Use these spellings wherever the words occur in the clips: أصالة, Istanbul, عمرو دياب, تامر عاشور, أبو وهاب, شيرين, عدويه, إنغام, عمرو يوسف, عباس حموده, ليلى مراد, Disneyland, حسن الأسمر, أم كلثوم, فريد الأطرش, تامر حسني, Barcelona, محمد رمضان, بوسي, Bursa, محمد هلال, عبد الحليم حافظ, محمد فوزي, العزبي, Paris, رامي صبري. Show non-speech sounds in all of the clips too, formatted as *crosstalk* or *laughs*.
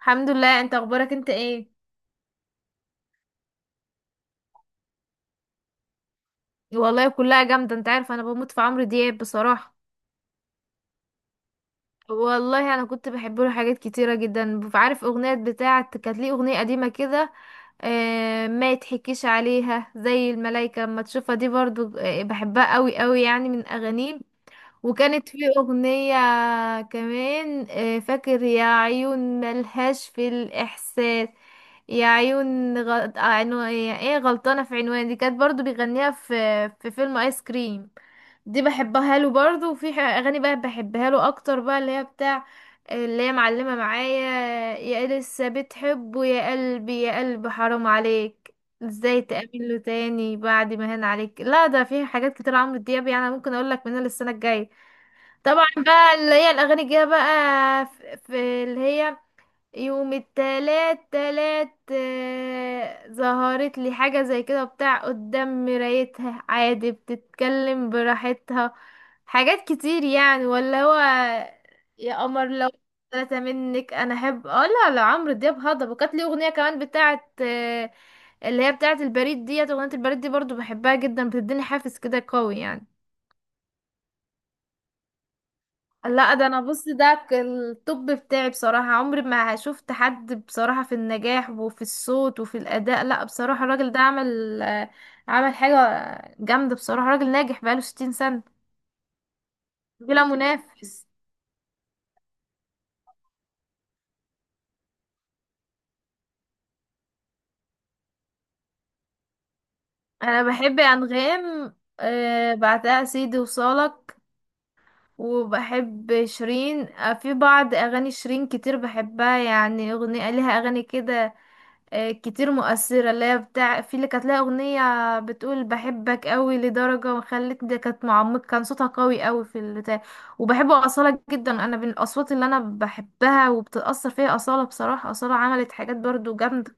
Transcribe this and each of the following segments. الحمد لله. انت اخبارك انت ايه؟ والله كلها جامده. انت عارف، انا بموت في عمرو دياب بصراحه. والله انا كنت بحب له حاجات كتيره جدا. عارف اغنيه بتاعه، كانت ليه اغنيه قديمه كده، ما يتحكيش عليها، زي الملايكه لما تشوفها. دي برضو بحبها قوي قوي، يعني من اغانيه. وكانت في أغنية كمان، فاكر يا عيون ملهاش في الإحساس، يا عيون ايه، غلطانة في عنوان. دي كانت برضو بيغنيها في في فيلم آيس كريم. دي بحبها له برضو. أغاني بقى بحبها له أكتر بقى، اللي هي بتاع اللي هي معلمة معايا، يا لسه بتحبه، يا قلبي يا قلبي حرام عليك، ازاي تقابله تاني بعد ما هان عليك. لا ده في حاجات كتير عمرو دياب، يعني أنا ممكن اقول لك منها للسنه الجايه. طبعا بقى اللي هي الاغاني الجايه بقى، في اللي هي يوم التلات تلات، ظهرت لي حاجة زي كده، بتاع قدام مرايتها عادي بتتكلم براحتها. حاجات كتير يعني ولا هو يا قمر لو ثلاثة منك انا احب. اه لا لا، عمرو دياب هضبة، وكانت ليه اغنية كمان بتاعت، اللي هي بتاعت البريد. ديت اغنية البريد دي برضو بحبها جدا، بتديني حافز كده قوي يعني. لا ده انا، بص، الطب بتاعي بصراحة، عمري ما شفت حد بصراحة في النجاح وفي الصوت وفي الأداء. لا بصراحة الراجل ده عمل، عمل حاجة جامدة بصراحة. راجل ناجح بقاله 60 سنة بلا منافس. انا بحب انغام، بعدها سيدي وصالك. وبحب شيرين، في بعض اغاني شيرين كتير بحبها يعني. اغنية لها، اغاني كده كتير مؤثرة، اللي هي بتاع في، اللي كانت لها أغنية بتقول بحبك قوي لدرجة وخلتني، دي كانت معمق، كان صوتها قوي قوي في البتاع. وبحب أصالة جدا، أنا من الأصوات اللي أنا بحبها وبتأثر فيها أصالة. بصراحة أصالة عملت حاجات برضو جامدة.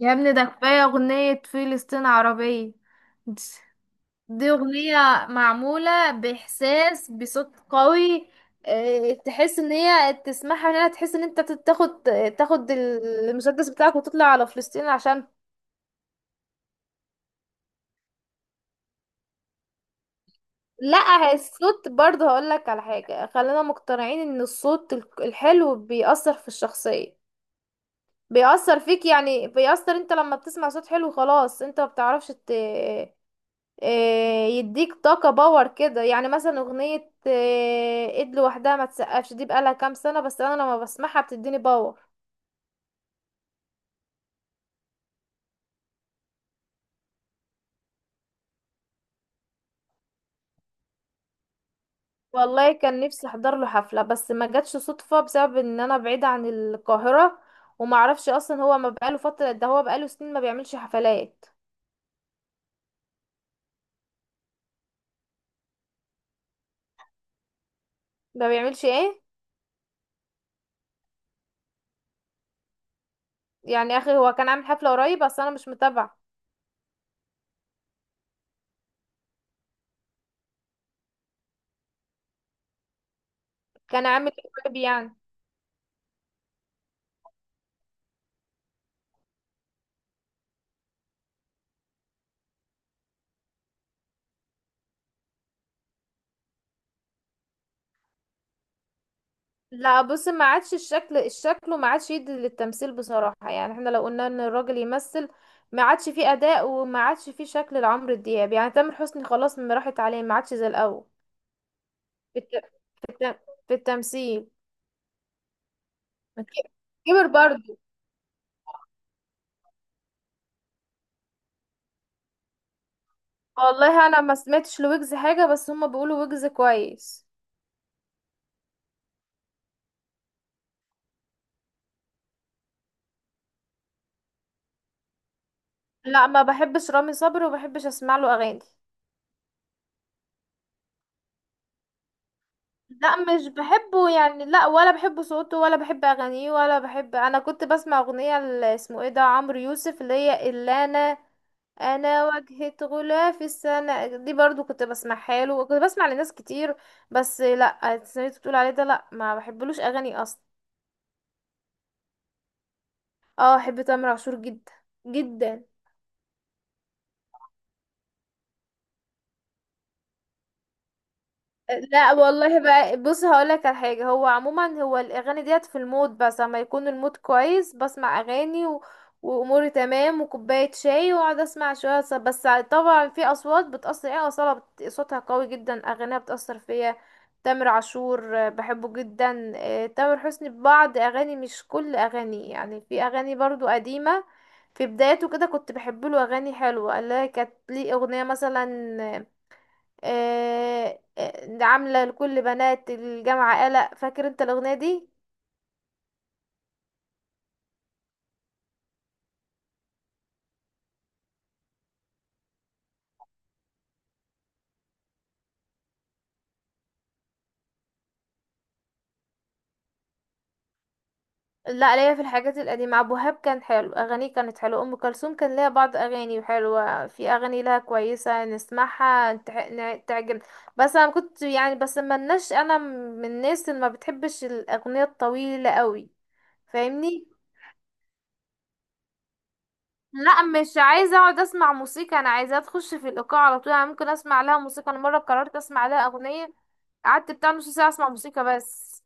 يا ابني ده كفاية أغنية فلسطين عربية. دي أغنية معمولة بإحساس، بصوت قوي، تحس ان هي تسمعها، ان هي تحس ان انت تاخد تاخد المسدس بتاعك وتطلع على فلسطين عشان... لا، الصوت برضه، هقولك على حاجة، خلينا مقتنعين ان الصوت الحلو بيأثر في الشخصية. بيأثر فيك يعني، بيأثر انت لما بتسمع صوت حلو خلاص، انت ما بتعرفش ت... آه، يديك طاقة، باور كده يعني. مثلا اغنية، ايد لوحدها ما تسقفش، دي بقالها كام سنة، بس انا لما بسمعها بتديني باور. والله كان نفسي احضر له حفلة، بس ما جاتش صدفة بسبب ان انا بعيدة عن القاهرة، ومعرفش اصلا. هو ما بقاله فترة، ده هو بقاله سنين ما بيعملش حفلات. ما بيعملش ايه؟ يعني اخي، هو كان عامل حفلة قريب بس انا مش متابعة. كان عامل ايه قريب يعني؟ لا بص، ما عادش الشكل الشكل، وما عادش يدي للتمثيل بصراحة. يعني احنا لو قلنا ان الراجل يمثل، ما عادش فيه اداء، وما عادش فيه شكل لعمرو دياب. يعني تامر حسني خلاص ما راحت عليه، ما عادش زي الاول في, الت... في, الت... في التمثيل. ما ك- كبر برضه. والله انا ما سمعتش لويجز حاجة، بس هما بيقولوا ويجز كويس. لا ما بحبش رامي صبري، وما بحبش اسمع له اغاني. لا مش بحبه يعني، لا ولا بحب صوته، ولا بحب اغانيه، ولا بحب. انا كنت بسمع اغنية اسمه ايه ده، عمرو يوسف، اللي هي اللي انا واجهة غلافي السنة دي برضو كنت بسمعها له، وكنت بسمع لناس كتير. بس لا، سمعت بتقول عليه ده، لا ما بحبلوش اغاني اصلا. اه بحب تامر عاشور جدا جدا. لا والله بقى، بص، هقولك على حاجه. هو عموما هو الاغاني ديت في المود، بس اما يكون المود كويس بسمع اغاني و... واموري تمام وكوبايه شاي واقعد اسمع شويه بس طبعا في اصوات بتاثر. ايه، اصاله صوتها قوي جدا، اغانيها بتاثر فيا. تامر عاشور، بحبه جدا. تامر حسني ببعض اغاني مش كل اغاني يعني، في اغاني برضو قديمه في بدايته كده كنت بحب له اغاني حلوه، اللي هي كانت ليه اغنيه مثلا عاملة لكل بنات الجامعة قلق. فاكر انت الأغنية دي؟ لا ليا في الحاجات القديمة. أبو وهاب كان حلو، أغانيه كانت حلوة. أم كلثوم كان ليها بعض أغاني حلوة، في أغاني لها كويسة نسمعها تعجب. بس أنا كنت يعني، بس ملناش، أنا من الناس اللي ما بتحبش الأغنية الطويلة قوي. فاهمني؟ لا مش عايزة أقعد أسمع موسيقى، أنا عايزة أخش في الإيقاع على طول. أنا ممكن أسمع لها موسيقى، أنا مرة قررت أسمع لها أغنية، قعدت بتاع نص ساعة اسمع موسيقى بس.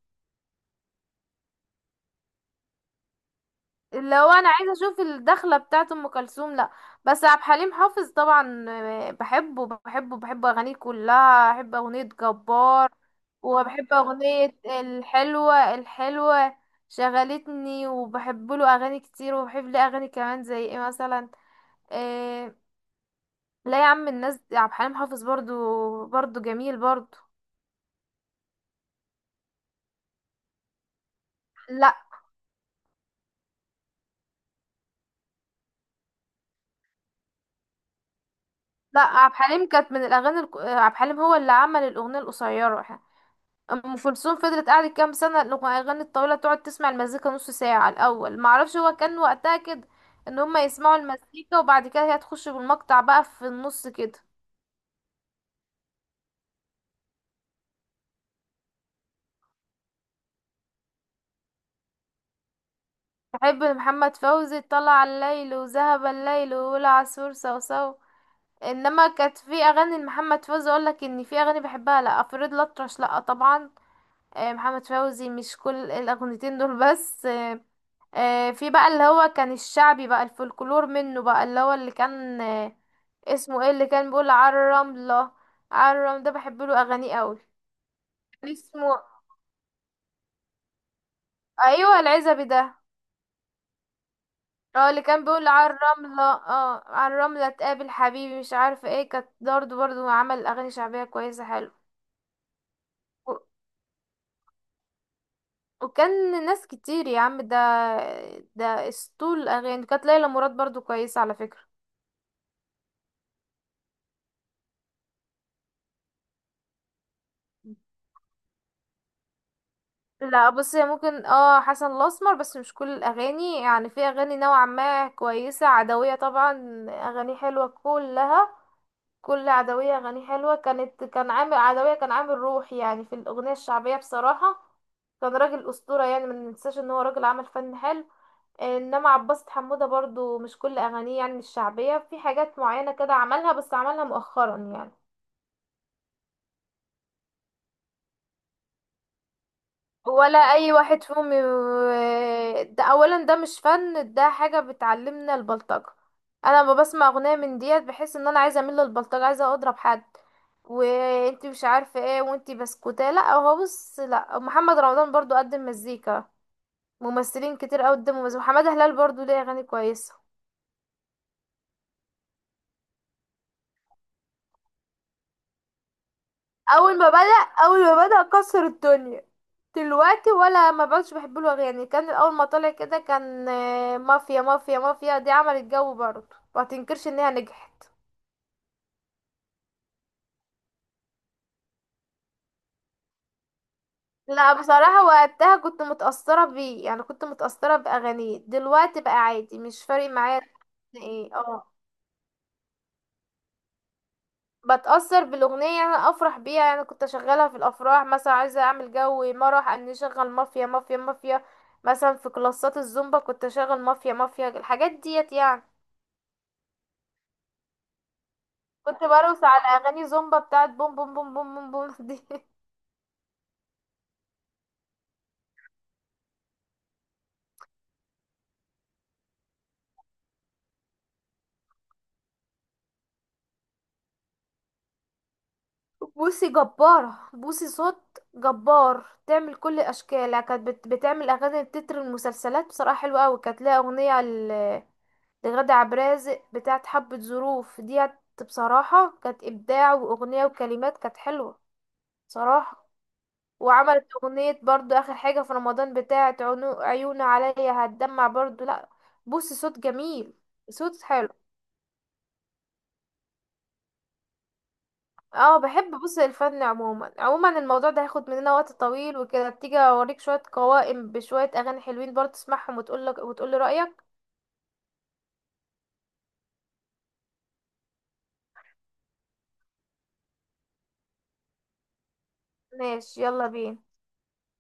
لو انا عايزه اشوف الدخله بتاعه ام كلثوم، لا. بس عبد الحليم حافظ طبعا، بحبه، بحبه، بحب اغانيه كلها. احب اغنيه جبار، وبحب اغنيه الحلوه الحلوه شغلتني، وبحب له اغاني كتير، وبحب له اغاني كمان زي ايه مثلا، إيه. لا يا عم الناس، عبد الحليم حافظ برضو، برضو جميل برضو. لا لا، عبد الحليم كانت من الاغاني عبد الحليم هو اللي عمل الاغنيه القصيره. ام كلثوم فضلت قاعدة كام سنة، الأغاني الطويلة، تقعد تسمع المزيكا نص ساعة الأول، معرفش هو كان وقتها كده، ان هما يسمعوا المزيكا وبعد كده هي تخش بالمقطع بقى في النص كده. بحب محمد فوزي، طلع على الليل، وذهب الليل، والعصفور صوصو. انما كانت في اغاني لمحمد فوزي اقول لك ان في اغاني بحبها. لا افريد الاطرش، لا طبعا. محمد فوزي مش كل الاغنيتين دول بس. في بقى اللي هو كان الشعبي بقى، الفولكلور منه بقى، اللي هو اللي كان اسمه ايه اللي كان بيقول عالرملة. عالرملة ده بحب له اغانيه قوي. كان اسمه... ايوه العزبي ده. اه اللي كان بيقول عالرملة، عالرملة تقابل حبيبي مش عارفة ايه. كانت برضه برضه عمل اغاني شعبية كويسة حلو. و- وكان ناس كتير يا عم. ده اسطول الاغاني. كانت ليلى مراد برضه كويسة على فكرة. لا بص هي ممكن حسن الاسمر، بس مش كل الاغاني يعني، في اغاني نوعا ما كويسه. عدويه طبعا اغاني حلوه كلها، كل عدويه اغاني حلوه. كانت، كان عامل عدويه، كان عامل روح يعني في الاغنيه الشعبيه بصراحه، كان راجل اسطوره. يعني ما ننساش ان هو راجل عمل فن حلو. انما عباس حموده برضو مش كل اغانيه يعني الشعبيه، في حاجات معينه كده عملها، بس عملها مؤخرا يعني. ولا اي واحد فيهم، ده اولا ده مش فن، ده حاجه بتعلمنا البلطجه. انا لما بسمع اغنيه من ديت، بحس ان انا عايزه اميل للبلطجه، عايزه اضرب حد، وانتي مش عارفه ايه وانتي بسكوتة. لا هو بص، لا محمد رمضان برضو قدم مزيكا، ممثلين كتير قوي قدموا مزيكا، محمد هلال برضو ليه اغاني كويسه. اول ما بدأ كسر الدنيا. دلوقتي ولا، ما بقتش بحب له يعني. كان اول ما طلع كده كان، مافيا مافيا مافيا دي عملت جو برضه، ما تنكرش انها نجحت. لا بصراحة وقتها كنت متأثرة بيه، يعني كنت متأثرة بأغانيه. دلوقتي بقى عادي مش فارق معايا. ايه اه، بتأثر بالأغنية يعني، أفرح بيها. يعني كنت أشغلها في الأفراح مثلا، عايزة أعمل جو مرح، أن أشغل مافيا مافيا مافيا مثلا. في كلاسات الزومبا كنت أشغل مافيا مافيا، الحاجات ديت يعني. كنت برقص على أغاني زومبا بتاعت بوم بوم بوم بوم بوم بوم دي *laughs* بوسي جبارة، بوسي صوت جبار، تعمل كل الأشكال يعني. كانت بتعمل أغاني تتر المسلسلات بصراحة حلوة أوي. كانت لها أغنية لغادة عبد الرازق بتاعت حبة ظروف ديت، بصراحة كانت إبداع. وأغنية وكلمات كانت حلوة صراحة. وعملت أغنية برضو آخر حاجة في رمضان بتاعت عيون عليا هتدمع، برضو لأ، بص صوت جميل، صوت حلو. اه بحب. بص، الفن عموما عموما، الموضوع ده هياخد مننا وقت طويل. وكده تيجي اوريك شوية قوائم بشوية اغاني حلوين برضه تسمعهم، وتقولك وتقولي رأيك. ماشي، يلا بينا.